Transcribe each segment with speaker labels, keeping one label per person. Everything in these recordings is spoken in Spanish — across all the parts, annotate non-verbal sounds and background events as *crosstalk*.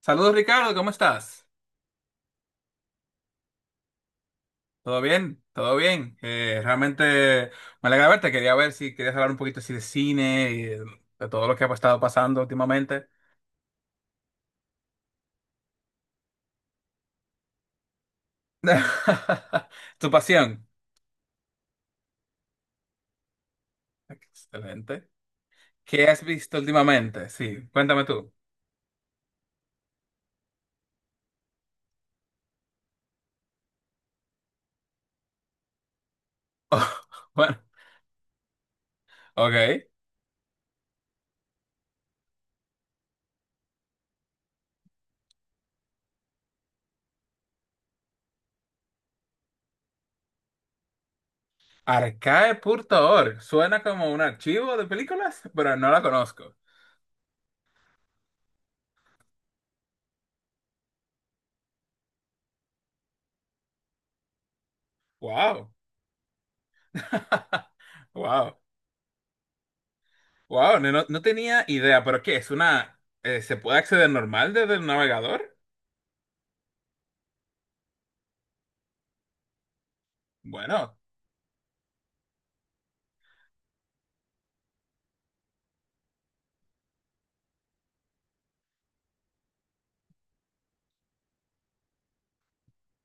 Speaker 1: Saludos Ricardo, ¿cómo estás? ¿Todo bien? ¿Todo bien? Realmente me alegra verte, quería ver si querías hablar un poquito así de cine y de todo lo que ha estado pasando últimamente. *laughs* Tu pasión. Excelente. ¿Qué has visto últimamente? Sí, cuéntame tú. *laughs* Bueno, ok. Arcae.org. Suena como un archivo de películas, pero no la conozco. Wow. *laughs* Wow. Wow, no tenía idea, pero ¿qué? ¿Es una... ¿Se puede acceder normal desde el navegador? Bueno,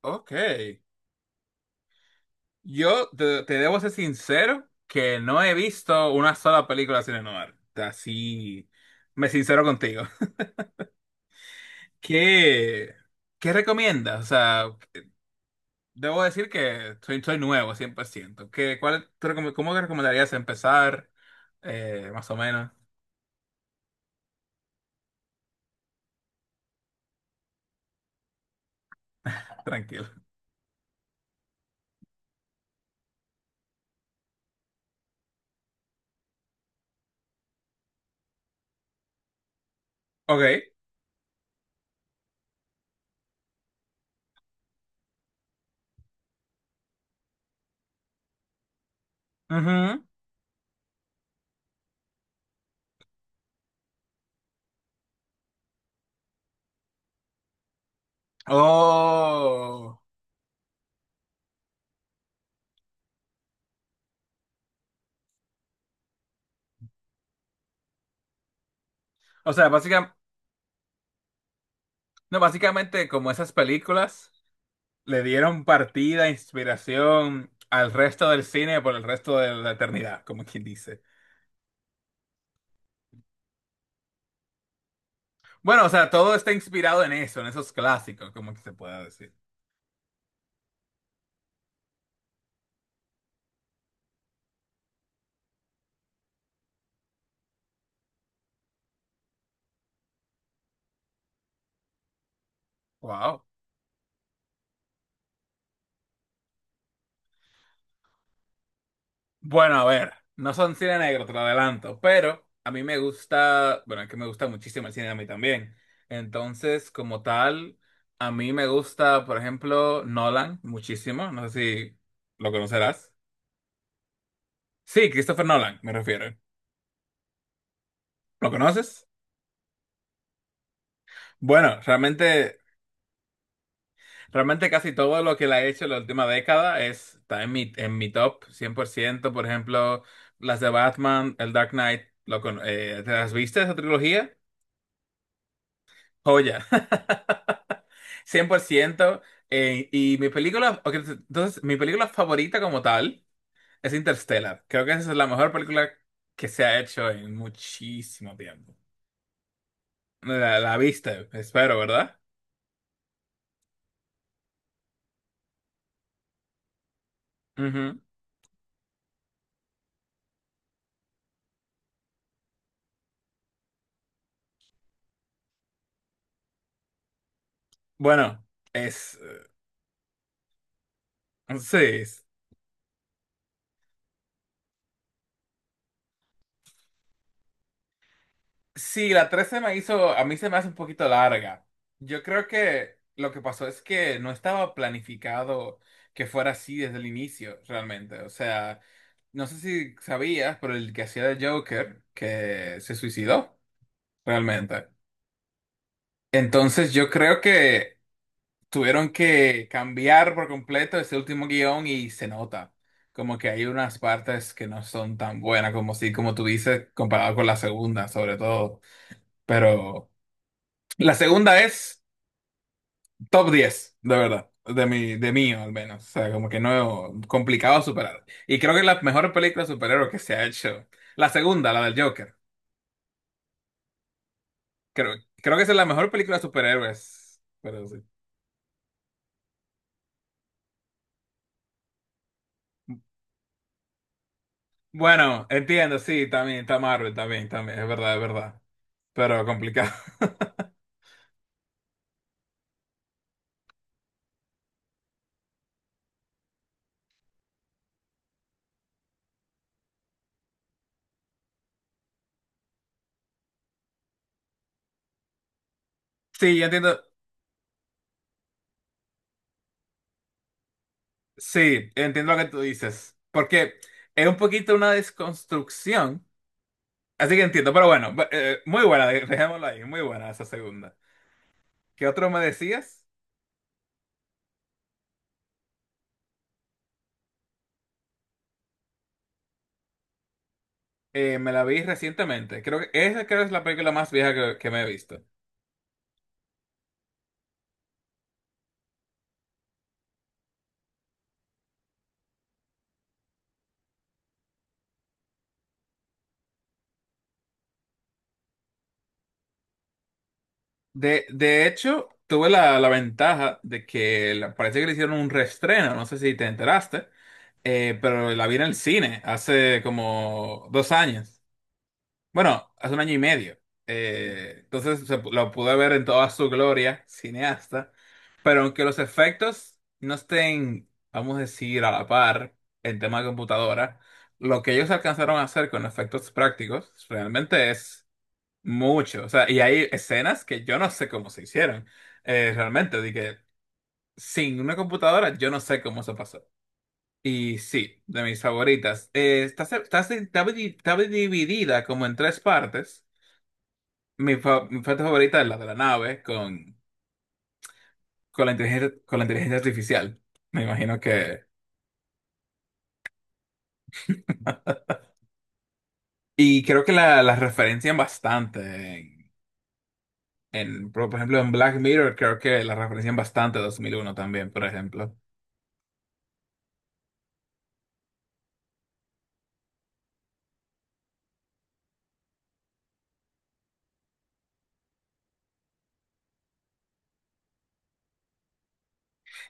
Speaker 1: ok. Yo te debo ser sincero que no he visto una sola película cine noir. Así me sincero contigo. *laughs* ¿Qué, qué recomiendas? O sea, debo decir que soy nuevo, 100%. ¿Qué, cuál, tú recome- cómo te recomendarías empezar? Más o menos, tranquilo. Ok. Ujú. Oh. O sea, básicamente... No, básicamente como esas películas le dieron partida, inspiración al resto del cine por el resto de la eternidad, como quien dice. Bueno, o sea, todo está inspirado en eso, en esos clásicos, como que se pueda decir. Wow. Bueno, a ver, no son cine negro, te lo adelanto, pero a mí me gusta, bueno, es que me gusta muchísimo el cine a mí también. Entonces, como tal, a mí me gusta, por ejemplo, Nolan muchísimo, no sé si lo conocerás. Sí, Christopher Nolan, me refiero. ¿Lo conoces? Bueno, realmente, realmente casi todo lo que la he hecho en la última década es, está en mi top 100%, por ejemplo, las de Batman, el Dark Knight, ¿te las viste esa trilogía? Joya. *laughs* 100%. Y mi película, ok, entonces, mi película favorita como tal es Interstellar. Creo que esa es la mejor película que se ha hecho en muchísimo tiempo. La viste, espero, ¿verdad? Ujú. Bueno, es... Sí. Sí, la 13 me hizo, a mí se me hace un poquito larga. Yo creo que lo que pasó es que no estaba planificado que fuera así desde el inicio, realmente. O sea, no sé si sabías, pero el que hacía de Joker, que se suicidó, realmente. Entonces yo creo que tuvieron que cambiar por completo ese último guión y se nota. Como que hay unas partes que no son tan buenas como si, como tú dices, comparado con la segunda, sobre todo. Pero... La segunda es top 10 de verdad. De mío, al menos. O sea, como que no, complicado superar. Y creo que es la mejor película de superhéroes que se ha hecho. La segunda, la del Joker. Creo, creo que esa es la mejor película de superhéroes. Pero sí. Bueno, entiendo, sí, también, está Marvel, también, también, es verdad, es verdad. Pero complicado. *laughs* Sí, yo entiendo, sí, entiendo lo que tú dices, porque es un poquito una desconstrucción, así que entiendo, pero bueno, muy buena, dejémoslo ahí, muy buena esa segunda. ¿Qué otro me decías? Me la vi recientemente. Creo que esa creo es la película más vieja que me he visto. De hecho, tuve la ventaja de que parece que le hicieron un reestreno, no sé si te enteraste, pero la vi en el cine hace como 2 años. Bueno, hace un año y medio. Entonces lo pude ver en toda su gloria, cineasta. Pero aunque los efectos no estén, vamos a decir, a la par en tema de computadora, lo que ellos alcanzaron a hacer con efectos prácticos realmente es mucho. O sea, y hay escenas que yo no sé cómo se hicieron. Realmente, de que sin una computadora yo no sé cómo se pasó. Y sí, de mis favoritas. Está, se- está, se- está di- está dividida como en tres partes. Mi parte favorita es la de la nave con la inteligencia, con la inteligencia artificial. Me imagino que... Y creo que la referencian bastante. En, en, por ejemplo, en Black Mirror creo que la referencian bastante 2001 también, por ejemplo.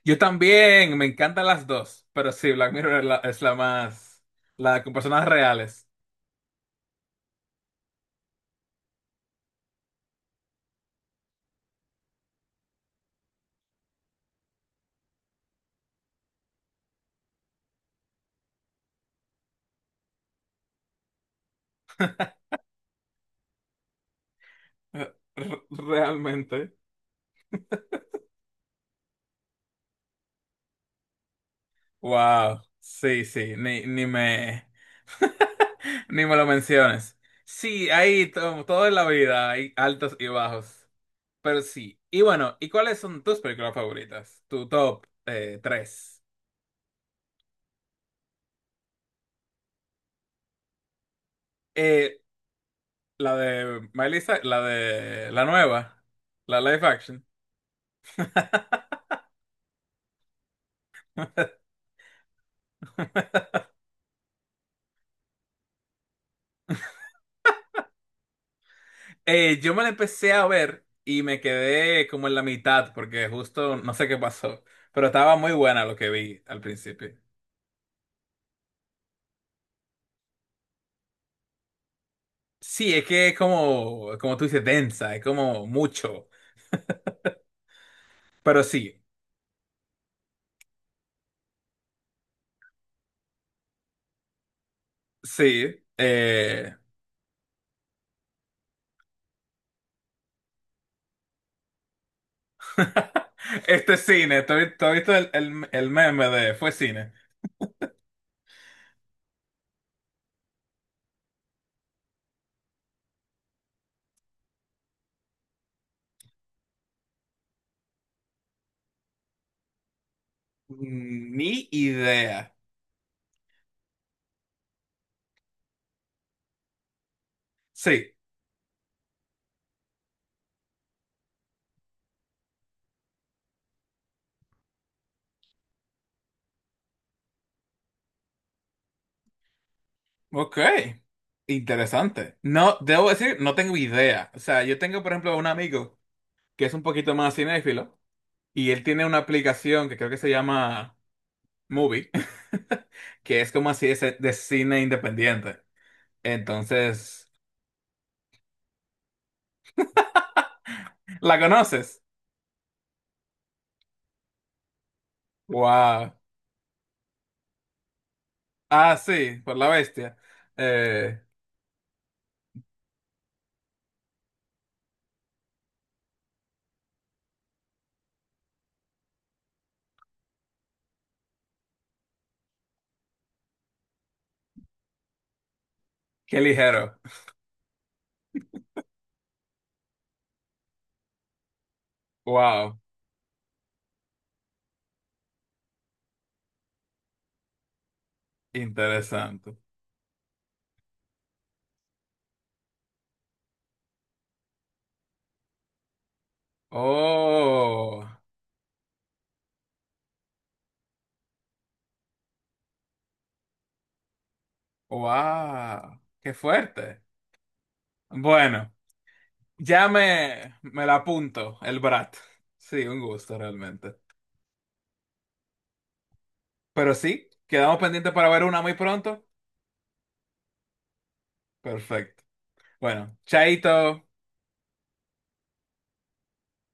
Speaker 1: Yo también, me encantan las dos, pero sí, Black Mirror es la más... La con personas reales. *laughs* Realmente. Wow, sí, sí, ni me *laughs* ni me lo menciones. Sí, ahí todo en la vida hay altos y bajos. Pero sí. Y bueno, ¿y cuáles son tus películas favoritas? Tu top tres. Eh, la de Melissa, la de la nueva, la live action. *laughs* Yo me la empecé a ver y me quedé como en la mitad porque justo no sé qué pasó, pero estaba muy buena lo que vi al principio. Sí, es que es como, como tú dices, densa, es como mucho. Pero sí, sí. *laughs* Este es cine. ¿Tú has visto el, el meme de fue cine? Ni idea. Sí, ok. Interesante. No, debo decir, no tengo idea. O sea, yo tengo, por ejemplo, un amigo que es un poquito más cinéfilo y él tiene una aplicación que creo que se llama Movie, *laughs* que es como así de cine independiente. Entonces... ¿La conoces? Wow. Ah, sí, por la bestia. Eh, Qué ligero. Wow, interesante. Oh, wow, qué fuerte. Bueno, ya me la apunto, el Brat. Sí, un gusto realmente. Pero sí, quedamos pendientes para ver una muy pronto. Perfecto. Bueno, chaito.